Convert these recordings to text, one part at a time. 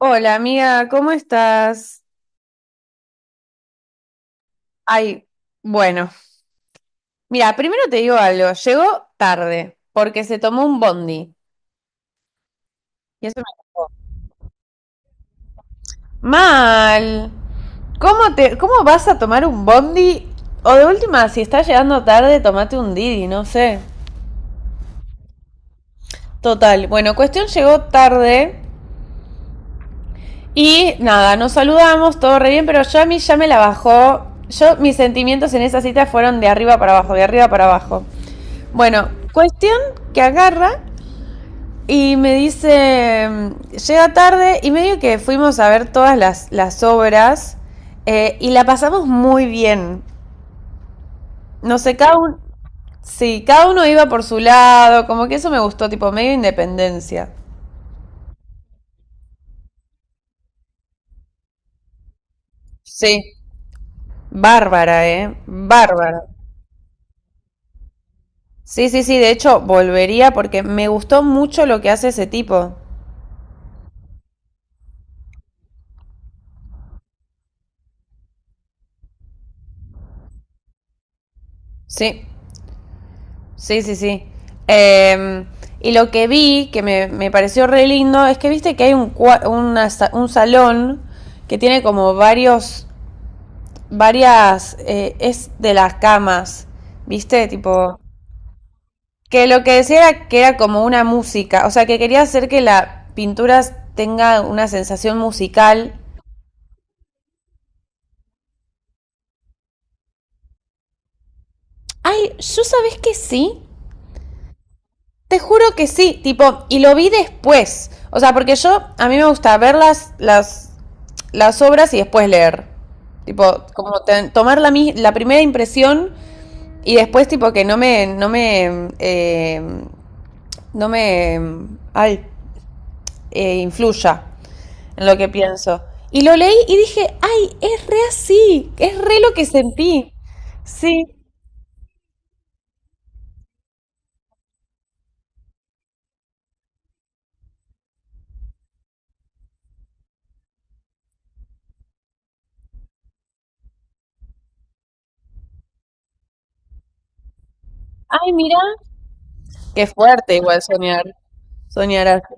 Hola amiga, ¿cómo estás? Ay, bueno, mira, primero te digo algo, llegó tarde porque se tomó un bondi. Y eso. Mal. ¿Cómo vas a tomar un bondi? O de última, si estás llegando tarde, tomate un Didi, no sé. Total, bueno, cuestión llegó tarde y nada, nos saludamos, todo re bien, pero yo a mí ya me la bajó. Yo, mis sentimientos en esa cita fueron de arriba para abajo, de arriba para abajo. Bueno, cuestión que agarra y me dice, llega tarde y medio que fuimos a ver todas las obras, y la pasamos muy bien. No sé, sí, cada uno iba por su lado, como que eso me gustó, tipo medio independencia. Sí, bárbara, ¿eh? Bárbara. Sí, sí, sí, de hecho volvería porque me gustó mucho lo que hace ese tipo. Sí. Sí, sí, sí. Em, y lo que vi, que me pareció re lindo, es que viste que hay un, cua- una sa- un salón que tiene como varias, es de las camas, viste, tipo, que lo que decía era que era como una música, o sea, que quería hacer que la pintura tenga una sensación musical. Ay, yo sabés que sí, te juro que sí, tipo, y lo vi después. O sea, porque a mí me gusta ver las obras y después leer. Tipo, como tomar la primera impresión y después, tipo, que no me, no me, no me, ay, influya en lo que pienso. Y lo leí y dije, ay, es re así, es re lo que sentí. Sí, ay, mira, qué fuerte igual soñar, soñar así.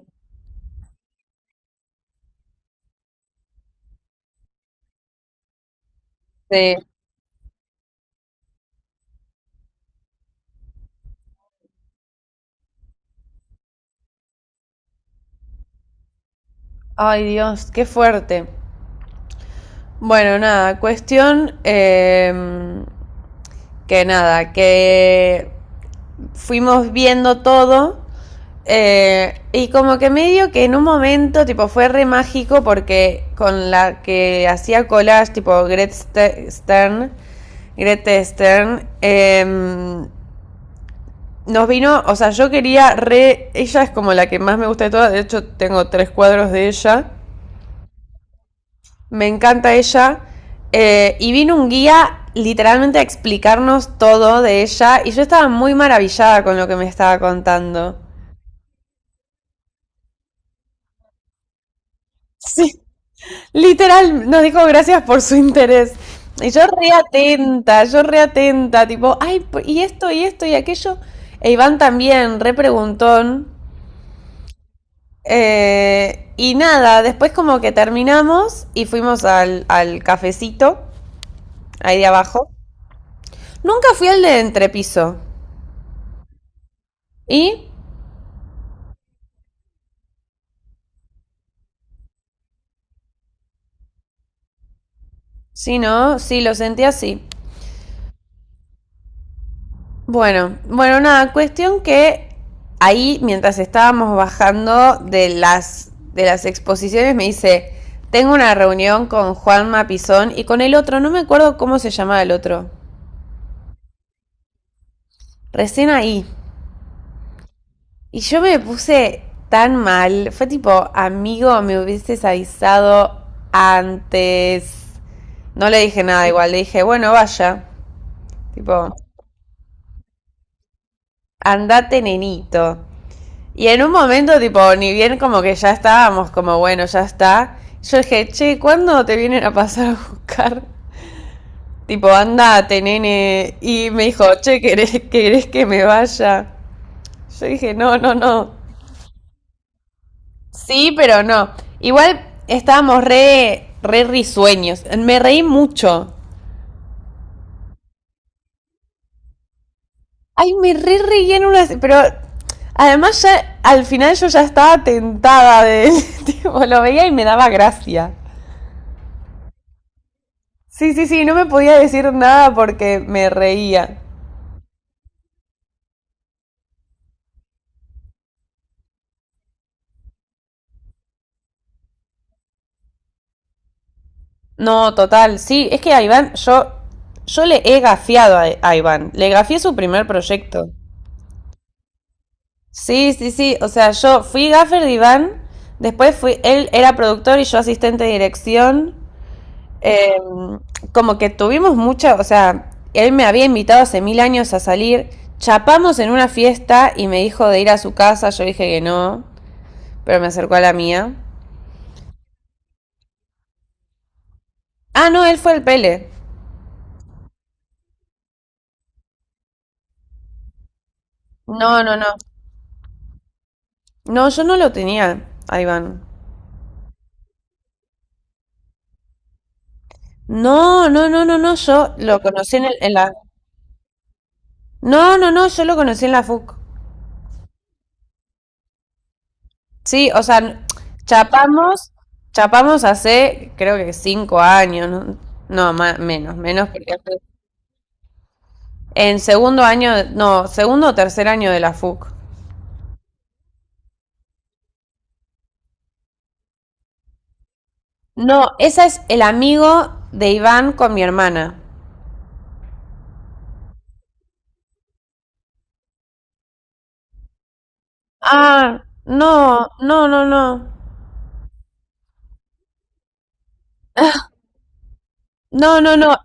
Sí. Ay Dios, qué fuerte. Bueno, nada, cuestión, que nada, que fuimos viendo todo, y como que medio que en un momento tipo fue re mágico porque con la que hacía collage tipo Stern, Grete Stern, nos vino, o sea, ella es como la que más me gusta de todas, de hecho tengo tres cuadros de ella. Me encanta ella. Y vino un guía literalmente a explicarnos todo de ella y yo estaba muy maravillada con lo que me estaba contando. Sí, literal, nos dijo gracias por su interés. Y yo reatenta, tipo, ay, y esto, y esto, y aquello. E Iván también, re preguntón. Y nada, después como que terminamos y fuimos al cafecito, ahí de abajo. Nunca fui al de entrepiso. ¿Y? Sí, ¿no? Sí, lo sentí así. Bueno, bueno, nada, cuestión que ahí mientras estábamos bajando de las exposiciones me dice, tengo una reunión con Juan Mapizón y con el otro, no me acuerdo cómo se llamaba el otro, recién ahí. Y yo me puse tan mal, fue tipo, amigo, me hubieses avisado antes. No le dije nada igual, le dije, bueno, vaya, tipo, andate nenito. Y en un momento, tipo, ni bien como que ya estábamos, como bueno, ya está. Yo dije, che, ¿cuándo te vienen a pasar a buscar? Tipo, andate, nene. Y me dijo, che, ¿querés que me vaya. Yo dije, no, no, no. Sí, pero no. Igual estábamos re risueños. Me reí mucho. Ay, me re reí en unas. Pero además, ya al final yo ya estaba tentada de él. Tipo, lo veía y me daba gracia. Sí, sí, sí, no me podía decir nada porque me reía. No, total, sí, es que a Iván, yo le he gafiado a Iván, le gafié su primer proyecto. Sí, sí, sí, o sea, yo fui gaffer de Iván, después él era productor y yo asistente de dirección. Eh, Como que tuvimos mucha, o sea, él me había invitado hace mil años a salir, chapamos en una fiesta y me dijo de ir a su casa, yo dije que no, pero me acercó a la mía. Ah, no, él fue el Pele. No, no, no. No, yo no lo tenía, a Iván. No, no, no, no, no, yo lo conocí en la... No, no, no, yo lo conocí en la FUC. Sí, o sea, chapamos, chapamos hace creo que 5 años, no, no más, menos, menos porque en segundo año, no, segundo o tercer año de la FUC. No, esa es el amigo de Iván con mi hermana. Ah, no, no, no, no. No, no, no.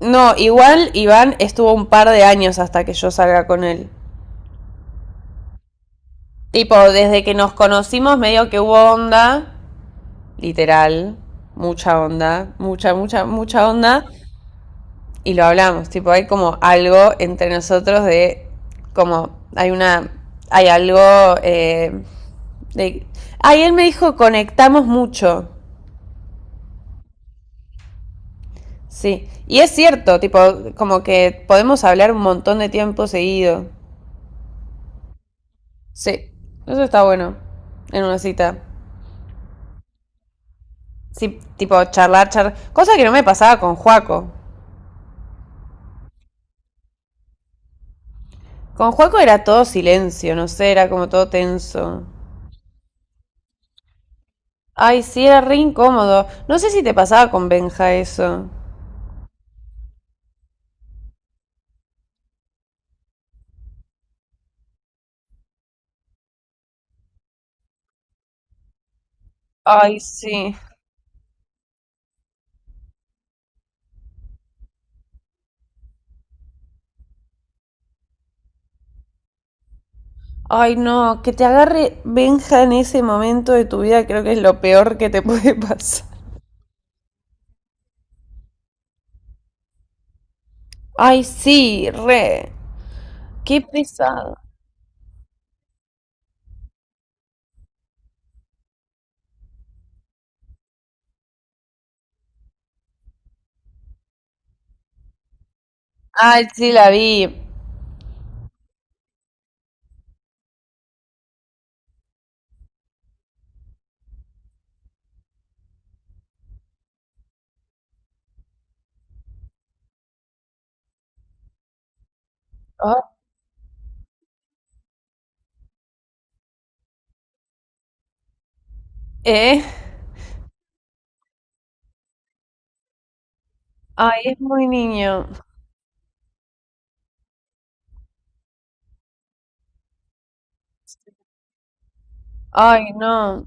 No, igual Iván estuvo un par de años hasta que yo salga con él. Tipo, desde que nos conocimos medio que hubo onda, literal, mucha onda, mucha, mucha, mucha onda, y lo hablamos, tipo, hay como algo entre nosotros de, como, hay una, hay algo, eh, de... Ay, él me dijo, conectamos mucho, sí, y es cierto, tipo, como que podemos hablar un montón de tiempo seguido, sí, eso está bueno en una cita. Sí, tipo charlar, charlar. Cosa que no me pasaba con Juaco. Con Juaco era todo silencio, no sé, era como todo tenso. Ay, sí, era re incómodo. No sé si te pasaba con Benja eso. Ay, sí. Ay, no, que te agarre Benja en ese momento de tu vida creo que es lo peor que te puede pasar. Ay, sí, re. Qué pesado. Ay, sí, la vi. Ah. ¿Eh? Ay, es muy niño. Ay, no.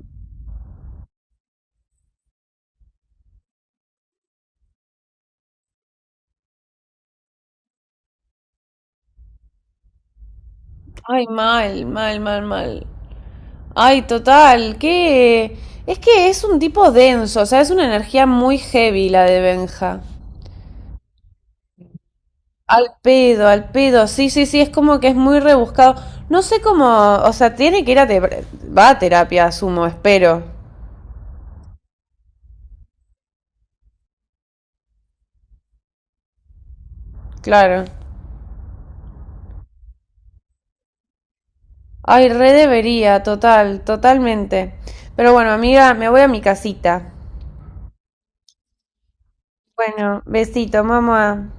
Ay, mal, mal, mal, mal. Ay, total, que es un tipo denso, o sea, es una energía muy heavy la de Benja. Al pedo, sí, sí, sí, es como que es muy rebuscado. No sé cómo, o sea, tiene que ir a terapia, va a terapia, asumo, espero, claro. Ay, re debería, total, totalmente. Pero bueno, amiga, me voy a mi casita. Bueno, besito, mamá.